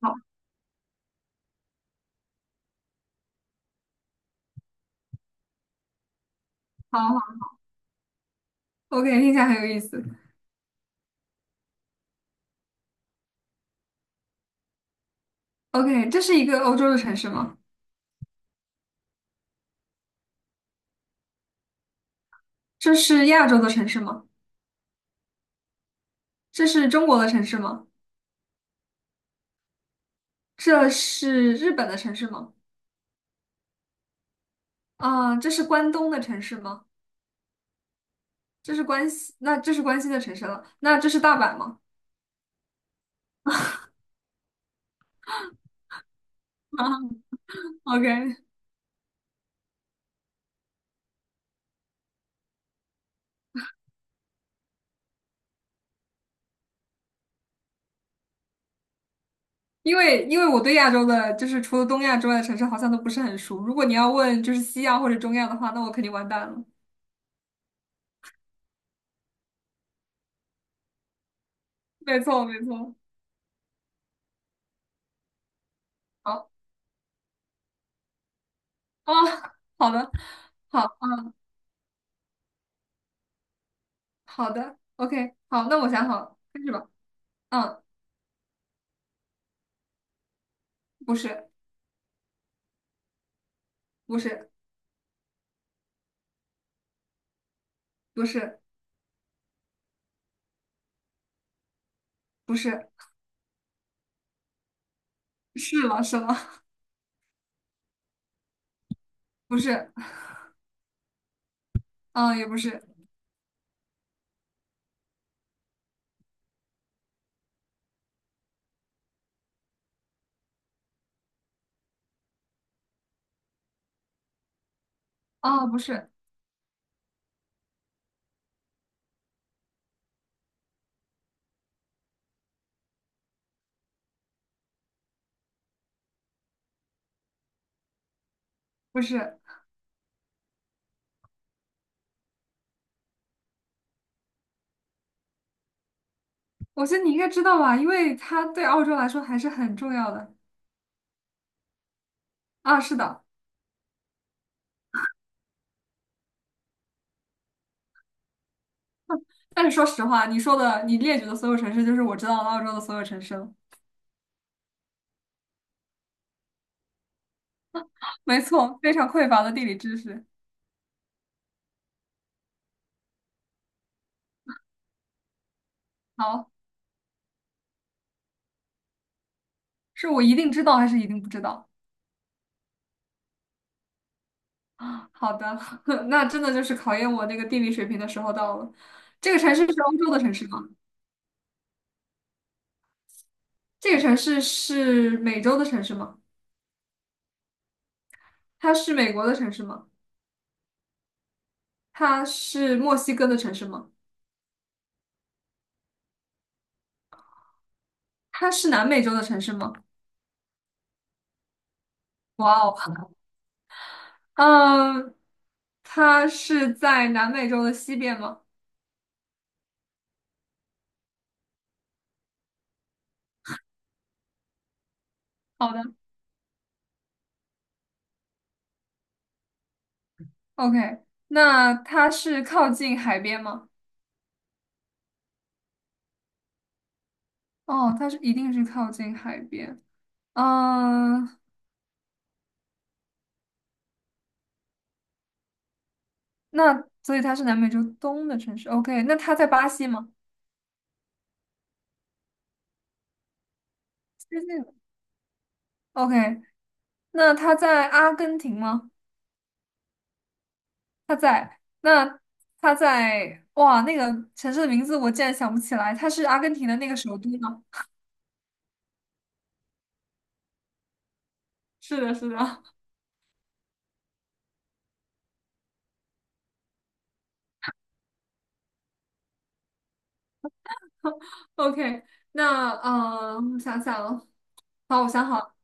好，好，好，OK，听起来很有意思。OK，这是一个欧洲的城市吗？这是亚洲的城市吗？这是中国的城市吗？这是日本的城市吗？这是关东的城市吗？这是关西，那这是关西的城市了。那这是大阪吗？ 啊？OK，因为我对亚洲的，就是除了东亚之外的城市，好像都不是很熟。如果你要问就是西亚或者中亚的话，那我肯定完蛋了。没错，没错。好，哦，好的，好，好的，OK，好，那我想好了，开始吧。嗯，不是，不是，不是，不是，是了，是了，不是，嗯，也不是，啊，不是，不是，我觉得你应该知道吧，因为它对澳洲来说还是很重要的。啊，是的，但是说实话，你说的，你列举的所有城市，就是我知道的澳洲的所有城市了。没错，非常匮乏的地理知识。好，是我一定知道还是一定不知道？好的，那真的就是考验我那个地理水平的时候到了。这个城市是欧洲的城市吗？这个城市是美洲的城市吗？它是美国的城市吗？它是墨西哥的城市吗？它是南美洲的城市吗？哇哦，嗯，它是在南美洲的西边吗？好的，OK，那它是靠近海边吗？哦，它是一定是靠近海边。嗯，那所以它是南美洲东的城市。OK，那它在巴西吗？接近了， OK，那它在阿根廷吗？他在那他在哇，那个城市的名字我竟然想不起来，它是阿根廷的那个首都吗？是的，是的。OK，那嗯，我想想哦，好，我想好了，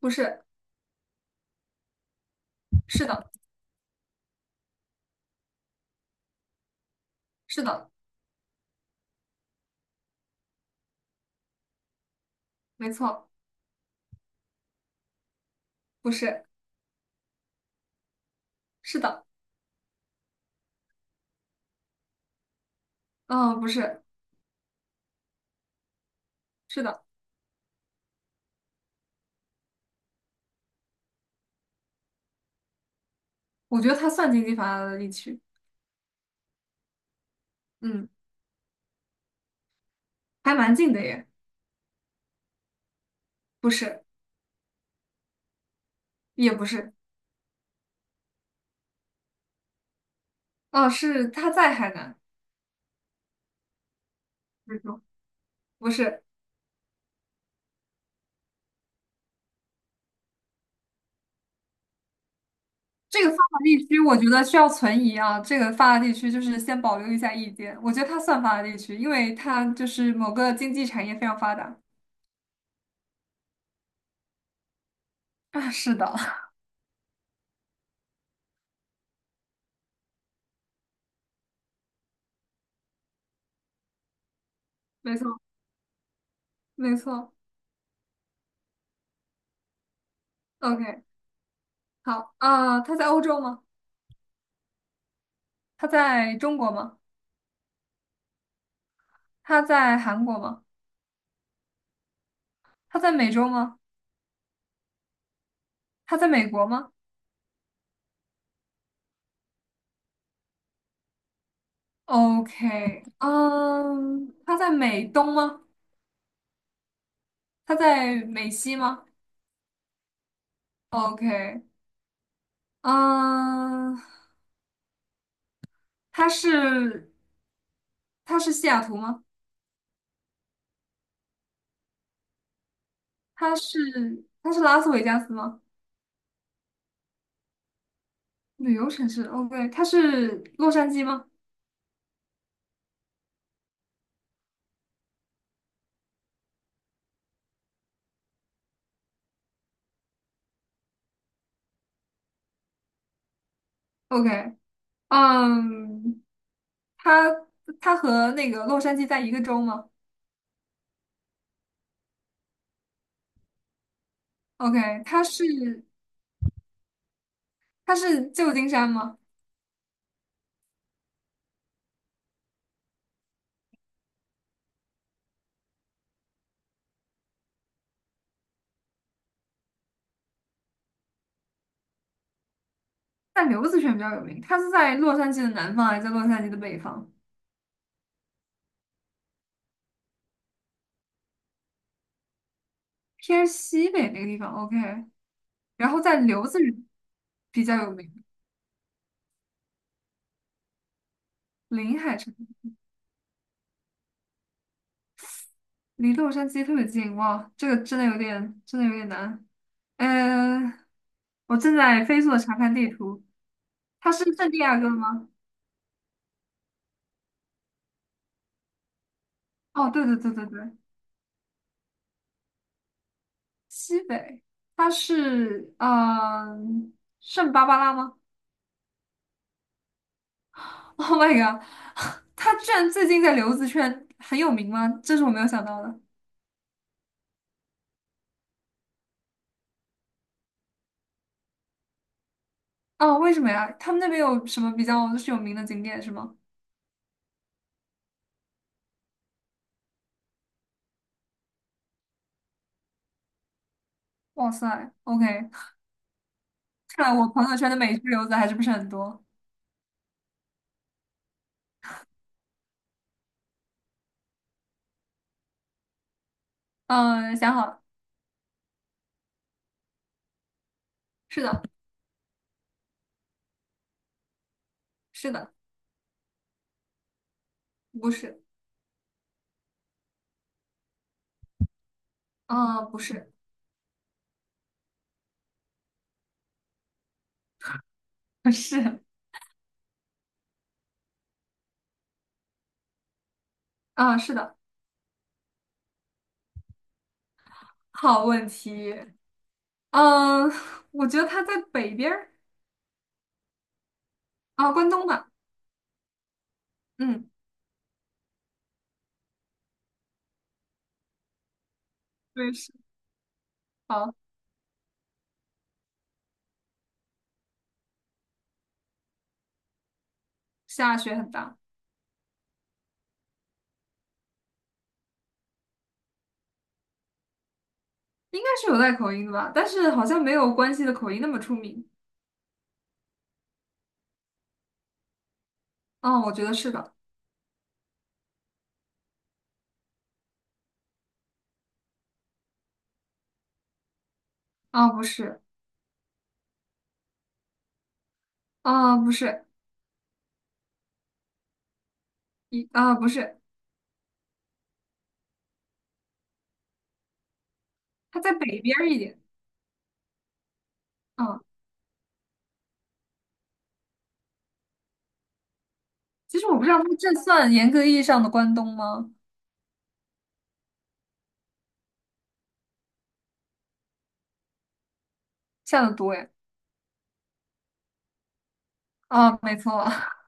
不是，是的，是的，没错，不是，是的，嗯、不是，是的，我觉得它算经济发达的地区，嗯，还蛮近的耶，不是，也不是，哦、是他在海南，没错，不是。这个发达地区，我觉得需要存疑啊。这个发达地区就是先保留一下意见，我觉得它算发达地区，因为它就是某个经济产业非常发达。啊，是的，没错，没错。OK，好，它在欧洲吗？它在中国吗？它在韩国吗？它在美洲吗？它在美国吗？OK，嗯，它在美东吗？它在美西吗？OK，嗯，它是它是西雅图吗？它是它是拉斯维加斯吗？旅游城市，OK，它是洛杉矶吗？OK，嗯，它它和那个洛杉矶在一个州吗？OK，它是旧金山吗？在刘子轩比较有名，它是在洛杉矶的南方还是在洛杉矶的北方？偏西北那个地方，OK，然后在刘子轩比较有名，临海城离洛杉矶特别近，哇，这个真的有点难，嗯。我正在飞速的查看地图，他是圣地亚哥吗？哦，对，西北，他是圣巴巴拉吗？Oh my god，他居然最近在留子圈很有名吗？这是我没有想到的。哦，为什么呀？他们那边有什么比较就是有名的景点是吗？哇塞，OK，看来我朋友圈的美剧留子还是不是很多。嗯、想好了，是的，是的，不是，啊，不是，不是，是的，好问题。嗯，我觉得它在北边儿关东吧。嗯，对，是，好，下雪很大，应该是有带口音的吧，但是好像没有关西的口音那么出名。啊，我觉得是的。啊，不是，啊，不是，不是，它在北边儿一点。啊，其实我不知道它这算严格意义上的关东吗？下的多呀。啊，没错。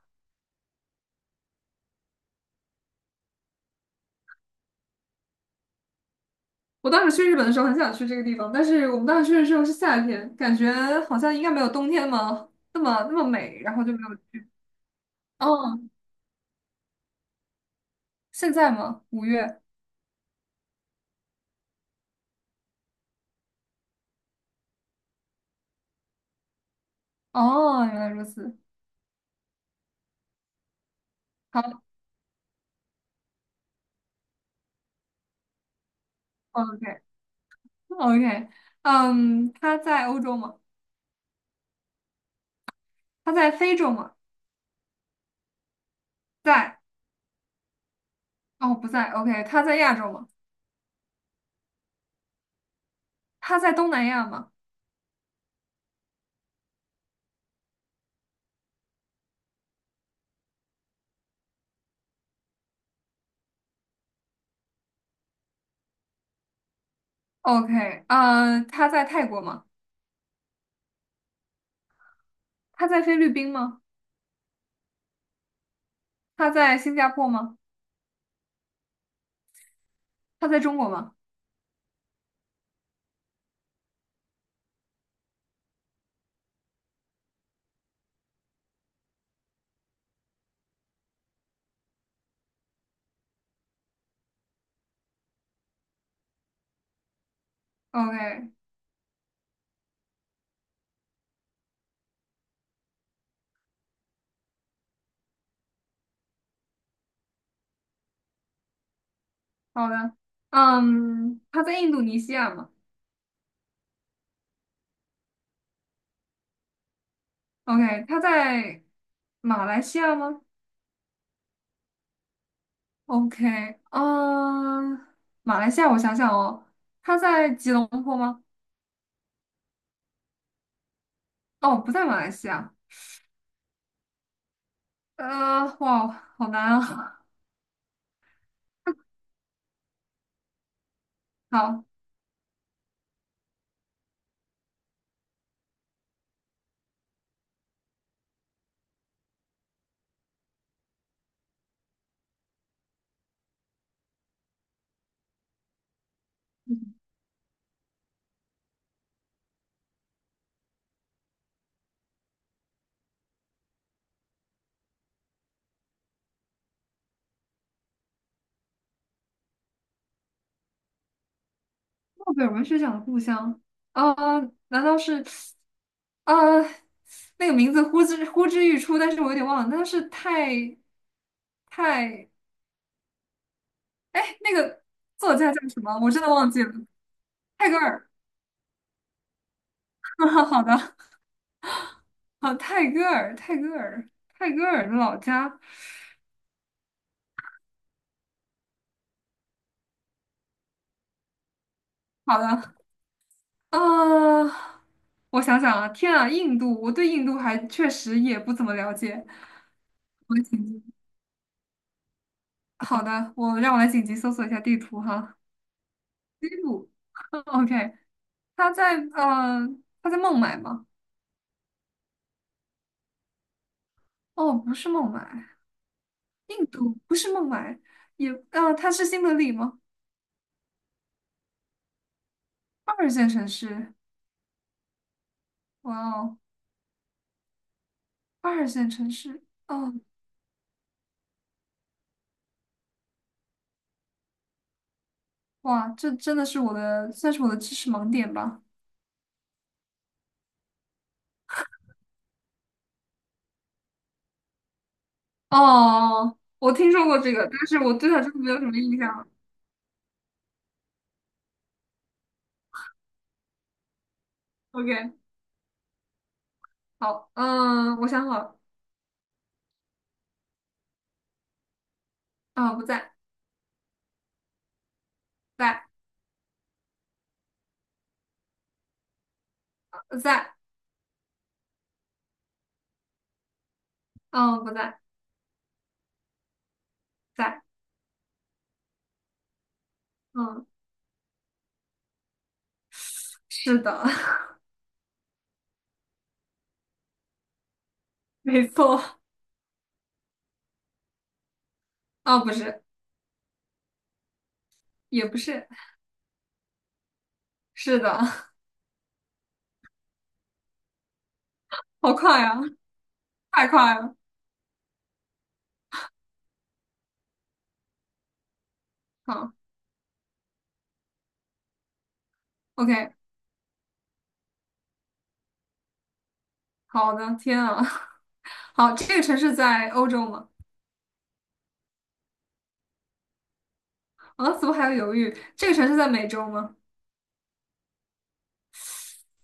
我当时去日本的时候很想去这个地方，但是我们当时去的时候是夏天，感觉好像应该没有冬天嘛，那么美，然后就没有。哦现在吗？五月？哦，原来如此。好，OK，OK，嗯，他在欧洲吗？他在非洲吗？在，哦，不在。OK，他在亚洲吗？他在东南亚吗？OK，他在泰国吗？他在菲律宾吗？他在新加坡吗？他在中国吗？OK，好的。嗯，他在印度尼西亚吗？OK，他在马来西亚吗？OK，嗯，马来西亚，我想想哦，他在吉隆坡吗？哦，不在马来西亚。哇，好难啊。好，诺贝尔文学奖的故乡，呃，难道是，呃，那个名字呼之欲出，但是我有点忘了，那是泰，哎，那个作家叫什么？我真的忘记了。泰戈尔。好的，好，泰戈尔，泰戈尔的老家。好的。啊，我想想啊，天啊，印度，我对印度还确实也不怎么了解。我紧急，好的，我让我来紧急搜索一下地图哈。印度嗯，OK，他在呃，他在孟买吗？哦，不是孟买，印度不是孟买，他是新德里吗？二线城市，哇哦，二线城市，哦，哇，这真的是我的，算是我的知识盲点吧。哦，我听说过这个，但是我对他真的没有什么印象。OK。好，嗯，我想好了，不在，在，在，嗯，不在，在，嗯，是的，没错，不是，也不是，是的，好快呀，太快了，好，OK，好的，天啊，好，这个城市在欧洲吗？啊，怎么还要犹豫？这个城市在美洲吗？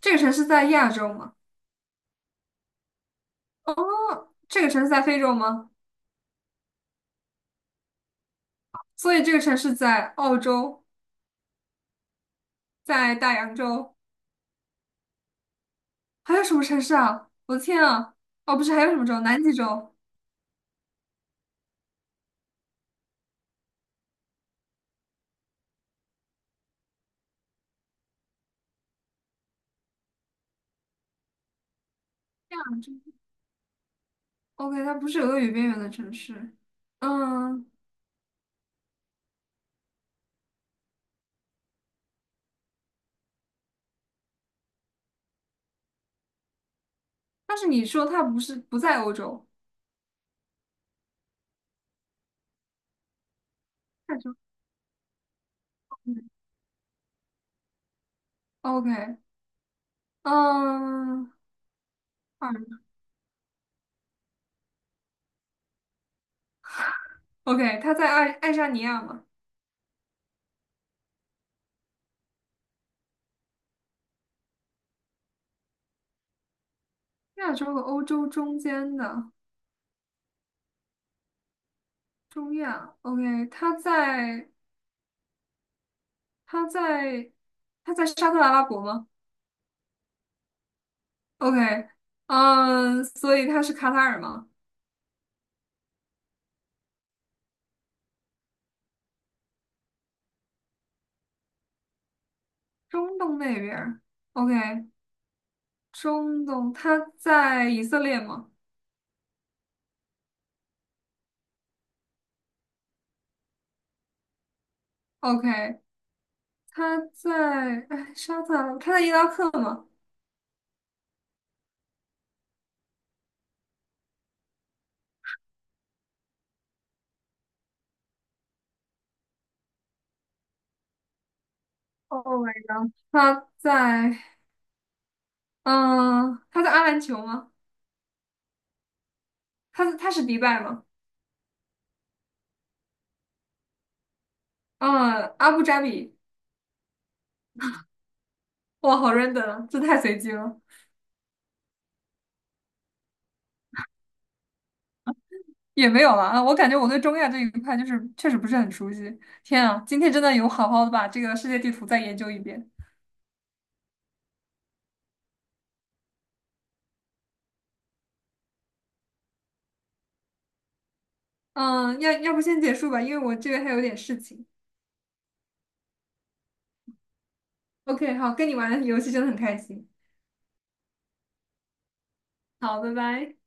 这个城市在亚洲吗？这个城市在非洲吗？所以这个城市在澳洲，在大洋洲，还有什么城市啊？我的天啊！哦，不是，还有什么州？南极洲。OK，它不是俄语边缘的城市。嗯，但是你说它不是不在欧洲，亚洲嗯 OK，嗯，二 OK，它在爱沙尼亚嘛，亚洲和欧洲中间的中亚。OK，它在它在沙特阿拉伯吗？OK，嗯，所以它是卡塔尔吗？中东那边儿。OK，中东，它在以色列吗？OK，他在哎沙特，他在伊拉克吗？Oh my god！他在嗯，他在阿联酋吗？他是迪拜吗？嗯，阿布扎比，哇，好 random，啊这太随机了，也没有了啊。我感觉我对中亚这一块就是确实不是很熟悉。天啊，今天真的有好好的把这个世界地图再研究一遍。嗯，要不先结束吧，因为我这边还有点事情。OK，好，跟你玩游戏真的很开心。好，拜拜。